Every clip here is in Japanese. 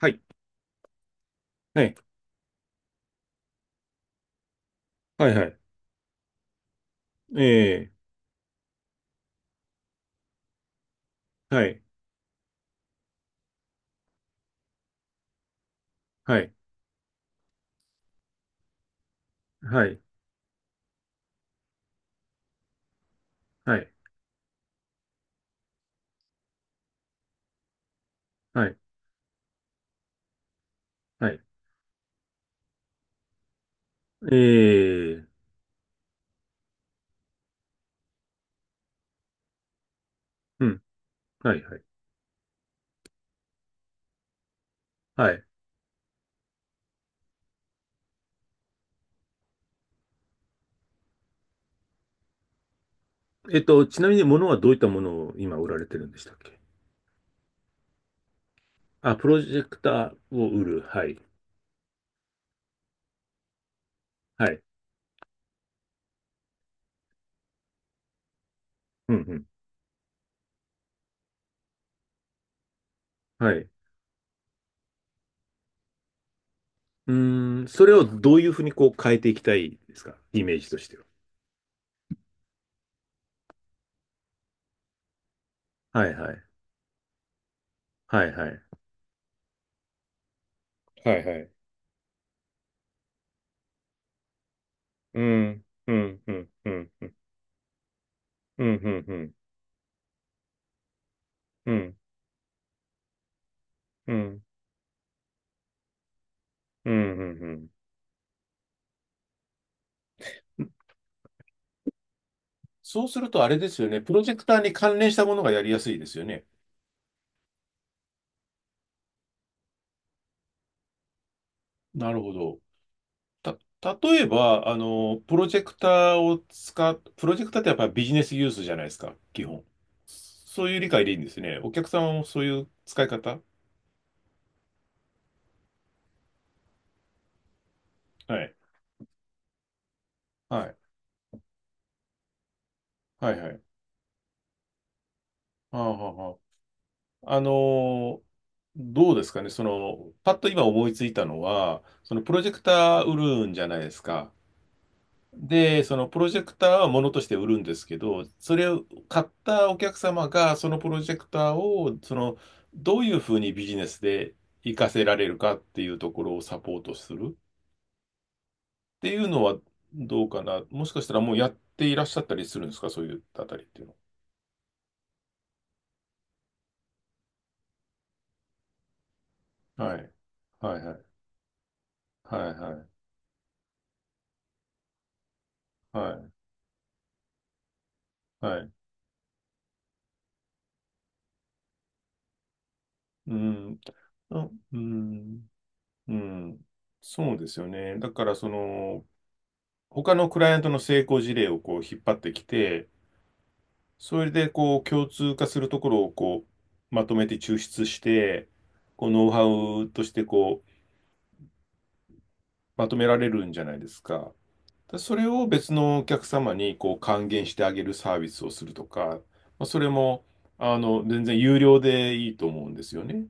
はい。はい。はい。はい。ええ。はい。はい。はい。はい。はい。はい。ええ。うん。はい。はい。はい。ちなみに物はどういったものを今売られてるんでしたっけ？あ、プロジェクターを売る。はい。はい。うんうん。はい。うーん。それをどういうふうにこう変えていきたいですか、イメージとしては？はいはい。はいはい。はいはい。うん。うん。うん。うん。うん。うん。うん。うん。うん。うん。うん。うんうん。そうするとあれですよね。プロジェクターに関連したものがやりやすいですよね。なるほど。た、例えば、あの、プロジェクターってやっぱりビジネスユースじゃないですか、基本。そういう理解でいいんですね。お客様もそういう使い方。はい。はい。はいはい。ああ、はあはあ。ーどうですかね。その、パッと今思いついたのは、そのプロジェクター売るんじゃないですか。で、そのプロジェクターはものとして売るんですけど、それを買ったお客様が、そのプロジェクターを、その、どういうふうにビジネスで活かせられるかっていうところをサポートするっていうのはどうかな。もしかしたらもうやっていらっしゃったりするんですか、そういうあたりっていうのは？はい。はいはい。はいはい。はい。はい。うん。あうん。うん。そうですよね。だから、その、他のクライアントの成功事例をこう引っ張ってきて、それで、こう、共通化するところを、こう、まとめて抽出して、こう、ノウハウとして、こう、まとめられるんじゃないですか。だそれを別のお客様に、こう、還元してあげるサービスをするとか、まあ、それも、あの、全然有料でいいと思うんですよね。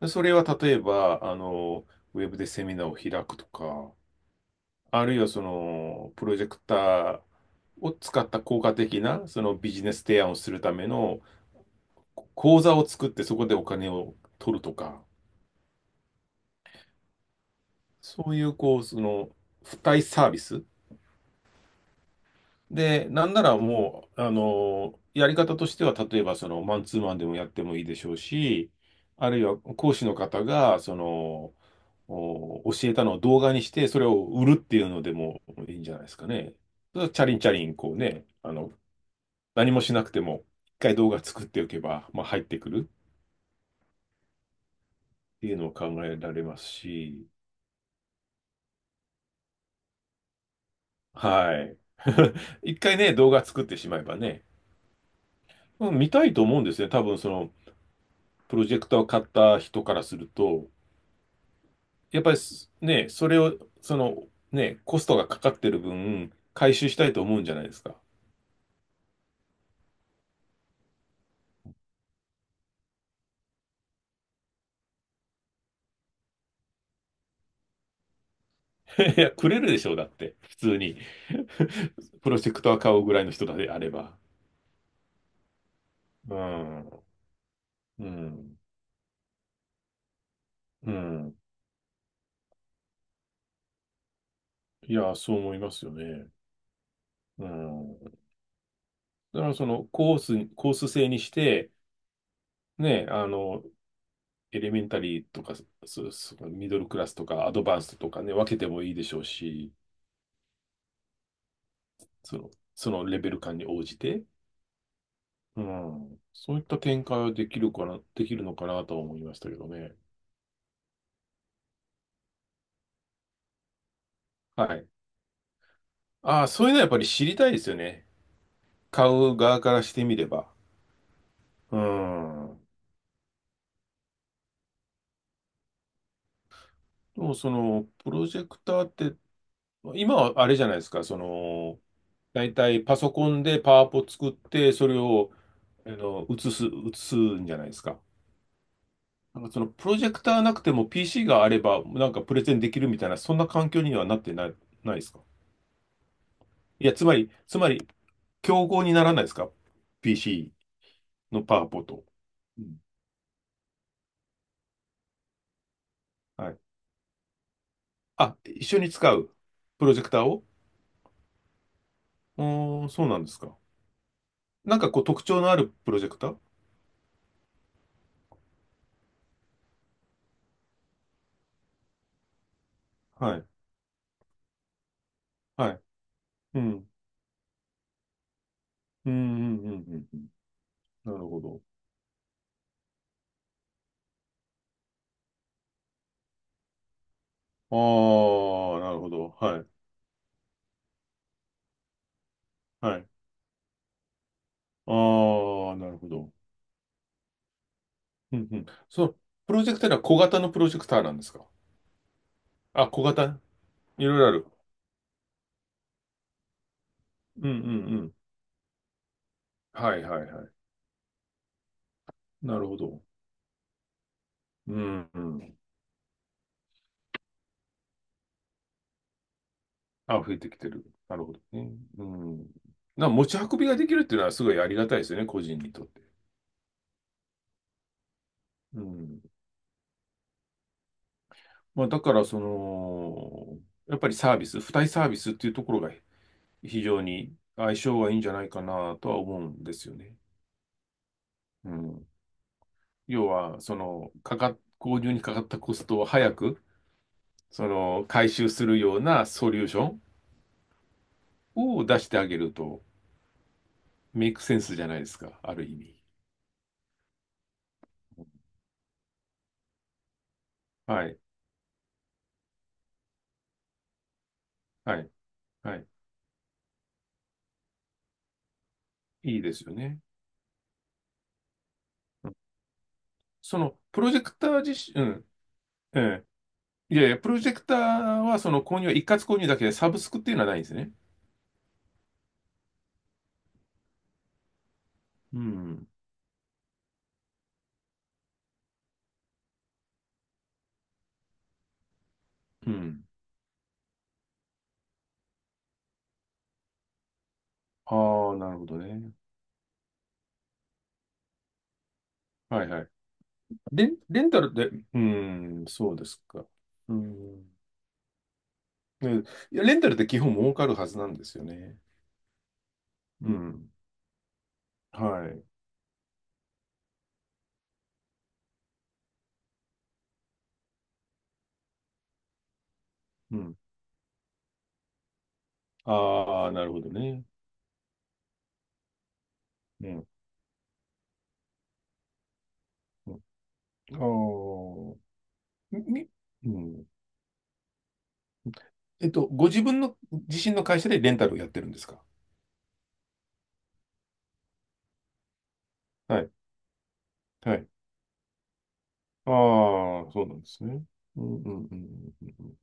でそれは、例えば、あの、ウェブでセミナーを開くとか、あるいは、その、プロジェクターを使った効果的な、そのビジネス提案をするための、口座を作ってそこでお金を取るとか、そういう、こう、その、付帯サービスで、なんならもう、あの、やり方としては、例えば、その、マンツーマンでもやってもいいでしょうし、あるいは講師の方が、その、お教えたのを動画にして、それを売るっていうのでもいいんじゃないですかね。それはチャリンチャリン、こうね、あの、何もしなくても、一回動画作っておけば、まあ、入ってくるっていうのを考えられますし、はい。一回ね、動画作ってしまえばね、うん、見たいと思うんですね。多分その、プロジェクターを買った人からすると、やっぱりすね、それを、その、ね、コストがかかってる分、回収したいと思うんじゃないですか。いや、くれるでしょう、だって、普通に。プロジェクター買うぐらいの人であれば。うん、うん、うん。いや、そう思いますよね。うん。だからそのコース制にして、ね、あの、エレメンタリーとか、そ、そのミドルクラスとか、アドバンストとかね、分けてもいいでしょうし、その、そのレベル感に応じて、うん、そういった展開はできるかな、できるのかなとは思いましたけどね。はい。ああ、そういうのはやっぱり知りたいですよね。買う側からしてみれば。うん。でもその、プロジェクターって、今はあれじゃないですか、その、大体パソコンでパワポ作って、それを、あの、映すんじゃないですか。なんかそのプロジェクターなくても PC があればなんかプレゼンできるみたいな、そんな環境にはなってない、ないですか？いや、つまり、競合にならないですか ?PC のパワポと。うん。はい。あ、一緒に使うプロジェクターを。うーん、そうなんですか。なんかこう特徴のあるプロジェクター。はい。はい。うん。うん、うん、うん、うん。うん。なるほど。ああ、なるほど。はい。はい。ああ、なるほど。うん、うん。その、プロジェクターは小型のプロジェクターなんですか？あ、小型、いろいろある。うんうんうん。はいはいはい。なるほど。うんうん。あ、増えてきてる。なるほどね。うん。な、持ち運びができるっていうのはすごいありがたいですよね、個人にとって。うん。まあ、だから、その、やっぱりサービス、付帯サービスっていうところが非常に相性がいいんじゃないかなとは思うんですよね。うん。要は、その、購入にかかったコストを早く、その、回収するようなソリューションを出してあげると、メイクセンスじゃないですか、ある意味。はい、はい、はい。いいですよね。うん。その、プロジェクター自身、うん、ええ、いやいや、プロジェクターはその購入は一括購入だけで、サブスクっていうのはないんですね。うん、うん。ああ、なるほどね。はいはい。レンタルで、うん、そうですか。うん。ね。いや、レンタルって基本儲かるはずなんですよね。うん。はい。うん。ああ、なるほどね。うん。うん。ああ、み、みうん。ご自分の自身の会社でレンタルをやってるんですか？はい。はい。ああ、そうなんですね。うんうんうんうんうんうん。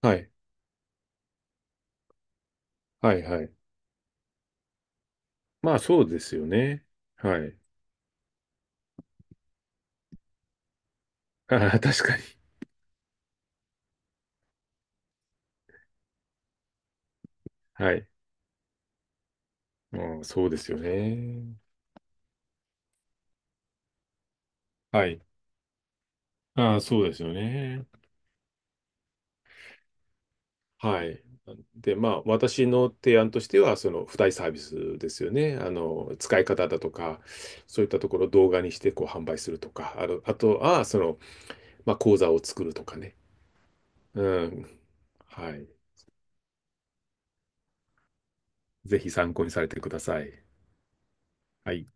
はい。はいはい。まあそうですよね。はい。ああ、確かに。はい。まあそうですよね。はい。ああ、そうですよね。はい。で、まあ私の提案としては、その付帯サービスですよね。あの、使い方だとか、そういったところを動画にしてこう販売するとか、あの、あとは、その、まあ講座を作るとかね。うん。はい。ぜひ参考にされてください。はい。